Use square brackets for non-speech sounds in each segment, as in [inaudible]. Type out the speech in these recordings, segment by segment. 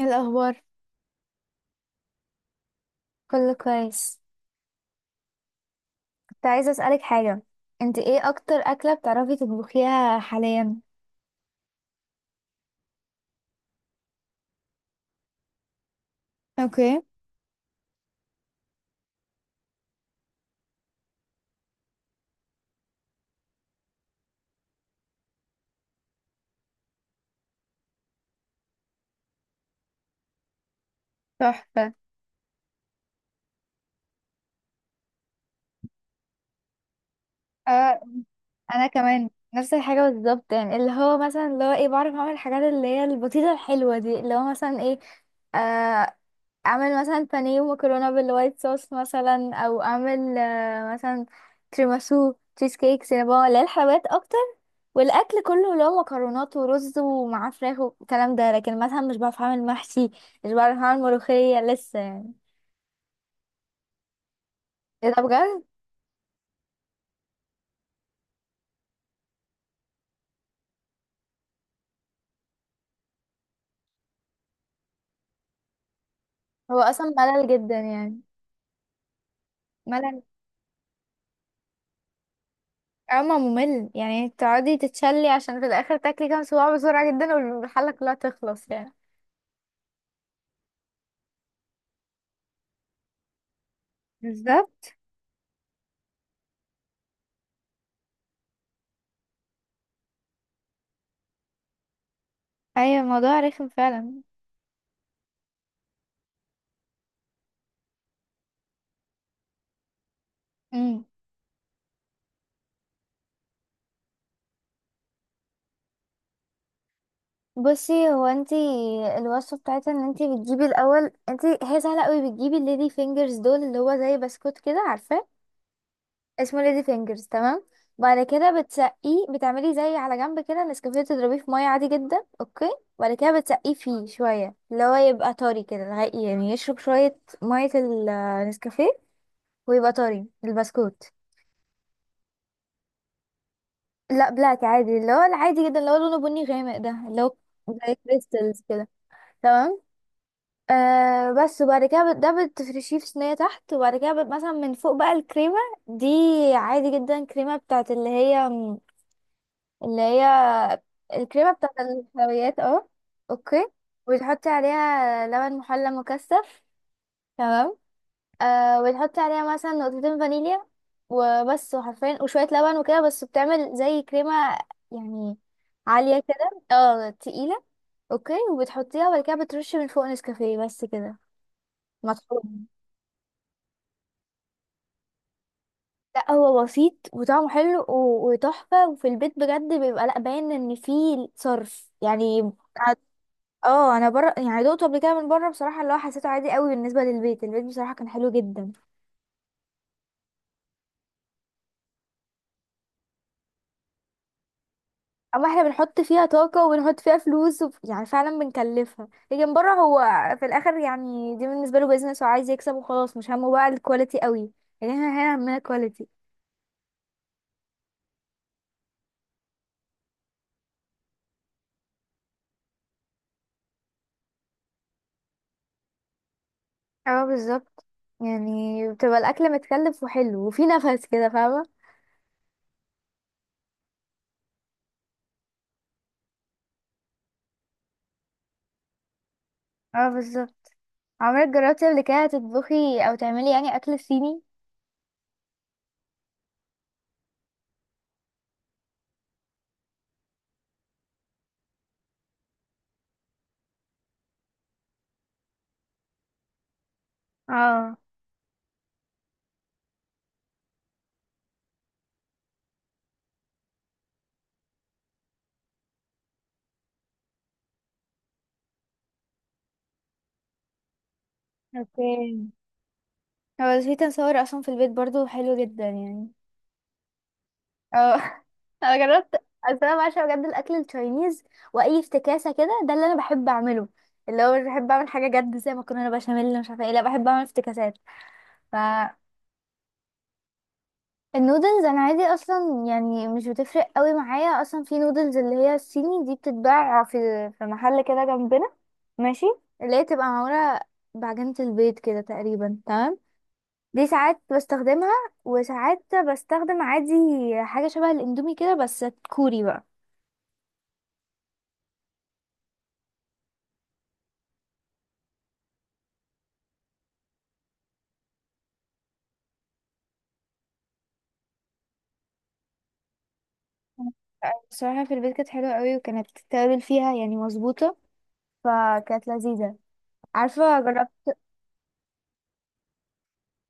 إيه الأخبار؟ كله كويس. كنت عايزة أسألك حاجة. انت ايه أكتر أكلة بتعرفي تطبخيها حاليا؟ اوكي. تحفة. آه. أنا كمان نفس الحاجة بالظبط، يعني اللي هو بعرف أعمل الحاجات اللي هي البسيطة الحلوة دي، اللي هو مثلا ايه آه اعمل مثلا بانيه ومكرونه بالوايت صوص، مثلا، او اعمل، مثلا، تيراميسو تشيز كيك سينابون، اللي هي الحلويات اكتر. والاكل كله اللي هو مكرونات ورز ومعاه فراخ والكلام ده، لكن مثلا مش بعرف اعمل محشي، مش بعرف اعمل ملوخيه لسه يعني. ايه ده بجد؟ هو اصلا ملل جدا يعني. ملل. اما ممل، يعني تقعدي تتشلي عشان في الاخر تاكلي كام صباع بسرعه جدا والحله كلها تخلص، يعني. بالظبط. ايوه، الموضوع رخم فعلا. بصي، هو انتي الوصفة بتاعتها ان انتي بتجيبي الاول، انتي هي سهلة قوي. بتجيبي الليدي فينجرز دول، اللي هو زي بسكوت كده، عارفاه؟ اسمه ليدي فينجرز، تمام. بعد كده بتسقيه، بتعملي زي على جنب كده نسكافيه، تضربيه في مية عادي جدا، اوكي؟ بعد كده بتسقيه فيه شوية، اللي هو يبقى طري كده لغاية يعني يشرب شوية مية، النسكافيه، ويبقى طري البسكوت. لا، بلاك عادي، اللي هو العادي جدا، اللي هو لونه بني غامق ده، اللي هو زي كريستالز كده، تمام. آه بس. وبعد كده ده بتفرشيه في صينية تحت، وبعد كده مثلا من فوق بقى الكريمة دي، عادي جدا، كريمة بتاعت اللي هي الكريمة بتاعت الحلويات، اه. اوكي، وتحطي عليها لبن محلى مكثف. تمام. آه، وتحطي عليها مثلا نقطتين فانيليا وبس. وحرفيا وشوية لبن وكده بس، بتعمل زي كريمة يعني، عالية كده تقيلة. اوكي، وبتحطيها، وبعد كده بترشي من فوق نسكافيه بس كده، مطحون. لا، هو بسيط وطعمه حلو و- وتحفة، وفي البيت بجد بيبقى لا باين ان فيه صرف يعني. ع- اه، انا بره يعني دقته قبل كده من بره بصراحة، اللي هو حسيته عادي قوي بالنسبة للبيت، البيت بصراحة كان حلو جدا. اما احنا بنحط فيها طاقة وبنحط فيها فلوس يعني فعلا بنكلفها. لكن بره هو في الاخر، يعني دي بالنسبة له بيزنس وعايز يكسب وخلاص، مش همه بقى الكواليتي قوي. لكن احنا هنا همنا كواليتي. اه، بالظبط. يعني بتبقى الاكل متكلف وحلو وفي نفس كده، فاهمة؟ اه بالظبط. عمرك جربتي قبل كده تطبخي او تعملي يعني اكل صيني؟ اه. اوكي، هو في تنصور اصلا في البيت برضو، حلو جدا يعني. اه. [laughs] انا جربت. اصل انا بعشق بجد الاكل التشاينيز، واي افتكاسه كده ده اللي انا بحب اعمله. اللي هو مش بحب اعمل حاجه جد زي مكرونه بشاميل مش عارفه ايه، لا بحب اعمل افتكاسات. النودلز انا عادي اصلا، يعني مش بتفرق قوي معايا. اصلا في نودلز اللي هي الصيني دي بتتباع في محل كده جنبنا، ماشي، اللي هي تبقى معموله بعجينه البيض كده تقريبا، تمام. دي ساعات بستخدمها وساعات بستخدم عادي حاجه شبه الاندومي كده بس كوري بقى. بصراحه في البيت كانت حلوه قوي، وكانت التوابل فيها يعني مظبوطه، فكانت لذيذه. عارفه، جربت.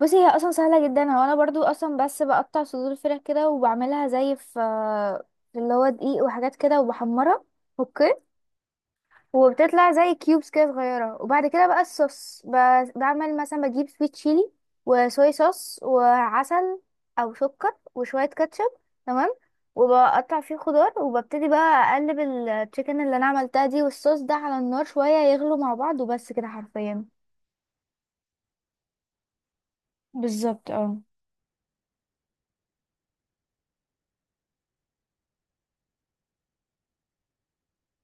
بصي هي اصلا سهله جدا. هو انا برضو اصلا بس بقطع صدور الفراخ كده وبعملها زي في اللي هو دقيق وحاجات كده، وبحمرها. اوكي. وبتطلع زي كيوبس كده صغيره. وبعد كده بقى الصوص، بعمل مثلا بجيب سويت تشيلي وصويا صوص وعسل، او سكر وشويه كاتشب، تمام. وبقطع فيه خضار وببتدي بقى اقلب التشيكن اللي انا عملتها دي والصوص ده على النار شويه يغلوا مع بعض، وبس كده حرفيا. بالظبط. اه،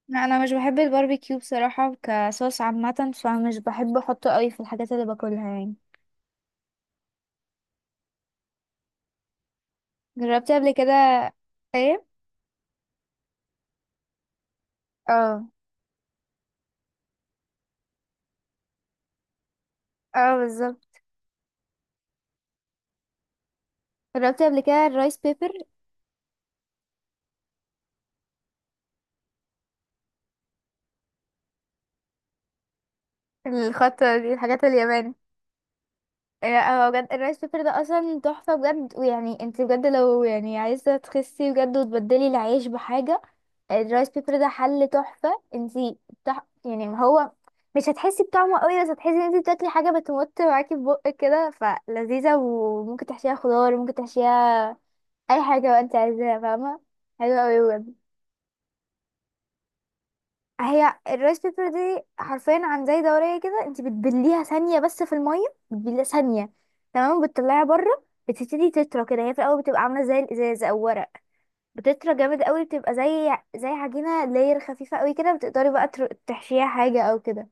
لا، انا مش بحب الباربيكيو بصراحه كصوص عامه، فمش بحب احطه قوي في الحاجات اللي باكلها يعني. جربت قبل كده. ايه. اه. اه بالظبط. جربت قبل كده الرايس بيبر. الخطه دي الحاجات الياباني. اه بجد، الرايس بيبر ده اصلا تحفه بجد. ويعني انت بجد، لو يعني عايزه تخسي بجد وتبدلي العيش بحاجه، الرايس بيبر ده حل تحفه. انت يعني هو مش هتحسي بطعمه قوي، بس هتحسي ان انت بتاكلي حاجه بتمط معاكي في بقك كده، فلذيذه. وممكن تحشيها خضار، ممكن تحشيها اي حاجه بقى انت عايزاها، فاهمه؟ حلوه قوي بجد. هي الرايس بيبر دي حرفيا عن زي دورية كده، انت بتبليها ثانية بس في المية، بتبليها ثانية، تمام. بتطلعيها بره، بتبتدي تطرى كده. هي في الاول بتبقى عاملة زي الازاز او ورق، بتطرى جامد قوي، بتبقى زي عجينة لاير خفيفة قوي كده، بتقدري بقى تحشيها حاجة او كده.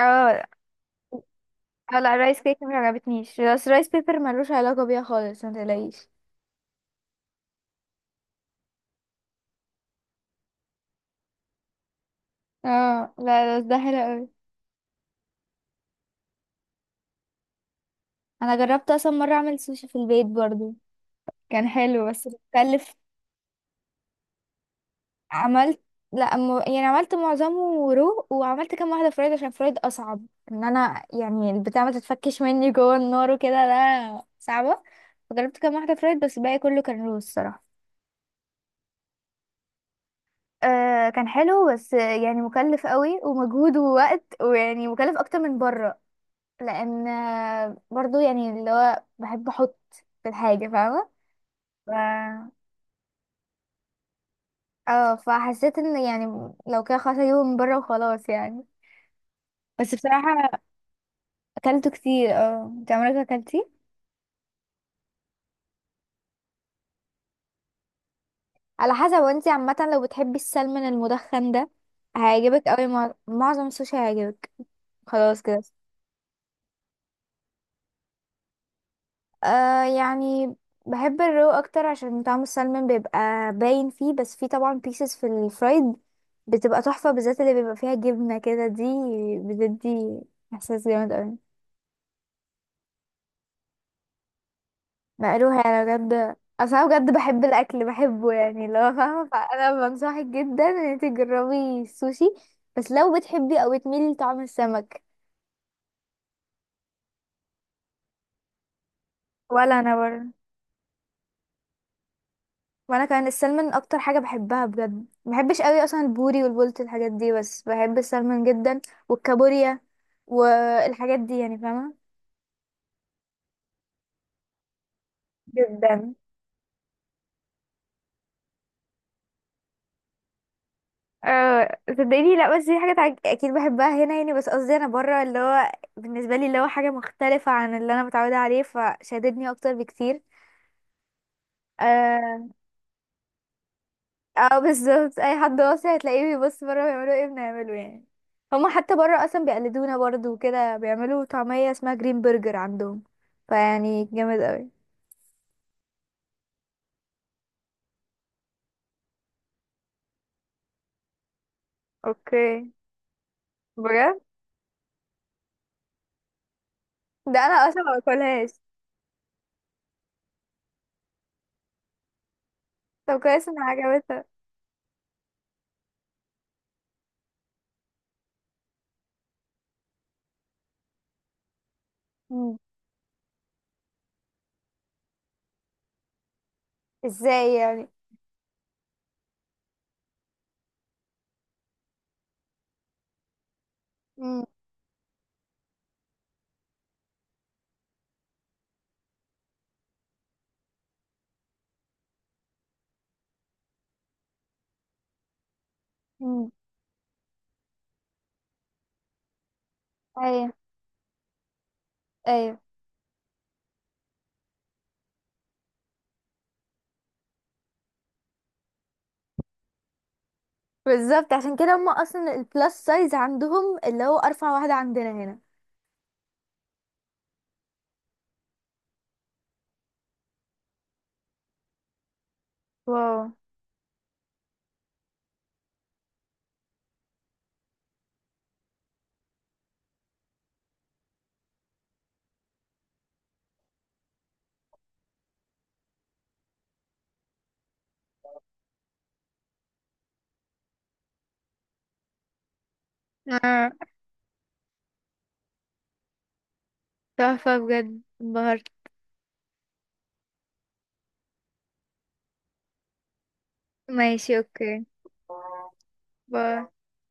اه. اه لا، الرايس كيك ما عجبتنيش، بس الرايس بيبر ملوش علاقة بيها خالص، ما تقلقيش. اه لا، بس ده حلو قوي. انا جربت اصلا مرة اعمل سوشي في البيت برضو، كان حلو بس بتكلف. عملت، لا يعني عملت معظمه رو، وعملت كام واحدة فرايد عشان فرايد أصعب، إن أنا يعني البتاع ما تتفكش مني جوه النار وكده ده، صعبة. فجربت كام واحدة فرايد، بس الباقي كله كان رو الصراحة. آه كان حلو، بس يعني مكلف قوي، ومجهود ووقت، ويعني مكلف أكتر من بره لأن برضو يعني اللي هو بحب أحط في الحاجة، فاهمة؟ ف... اه، فحسيت ان يعني لو كده خلاص اجيبه من بره وخلاص يعني. بس بصراحة اكلته كتير. اه انت عمرك اكلتي؟ على حسب. وانتي عامة، لو بتحبي السلمون المدخن ده هيعجبك قوي، معظم السوشي هيعجبك. خلاص كده. آه يعني، بحب الرو اكتر عشان طعم السلمون بيبقى باين فيه، بس فيه طبعا بيسز في الفرايد، بتبقى تحفة بالذات اللي بيبقى فيها جبنة كده دي، بتدي احساس جامد قوي. مقلوها انا بجد، اصل انا بجد بحب الاكل، بحبه يعني، لو فاهمه. فانا بنصحك جدا ان انت تجربي السوشي بس لو بتحبي او بتميلي لطعم السمك. ولا انا برضه. وانا كمان السلمون اكتر حاجه بحبها بجد، ما بحبش قوي اصلا البوري والبولت الحاجات دي، بس بحب السلمون جدا. والكابوريا والحاجات دي يعني، فاهمه. جدا. أه صدقيني، لا، بس دي حاجة اكيد بحبها هنا يعني. بس قصدي انا بره، اللي هو بالنسبة لي اللي هو حاجة مختلفة عن اللي انا متعودة عليه، فشددني اكتر بكتير. اه. اه بالظبط، اي حد واصل هتلاقيه بيبص بره بيعملوا ايه، بنعمله يعني. هما حتى بره اصلا بيقلدونا برضو وكده، بيعملوا طعمية اسمها جرين برجر عندهم، فيعني جامد اوي. اوكي بجد. ده انا اصلا ما باكلهاش. طب كويس انها عجبتها. مم. ازاي يعني؟ مم. مم. ايوه. ايوه بالظبط، عشان كده هم اصلا البلس سايز عندهم، اللي هو ارفع واحدة عندنا هنا. واو. آه، تحفة بجد، انبهرت. ماشي، اوكي. باي.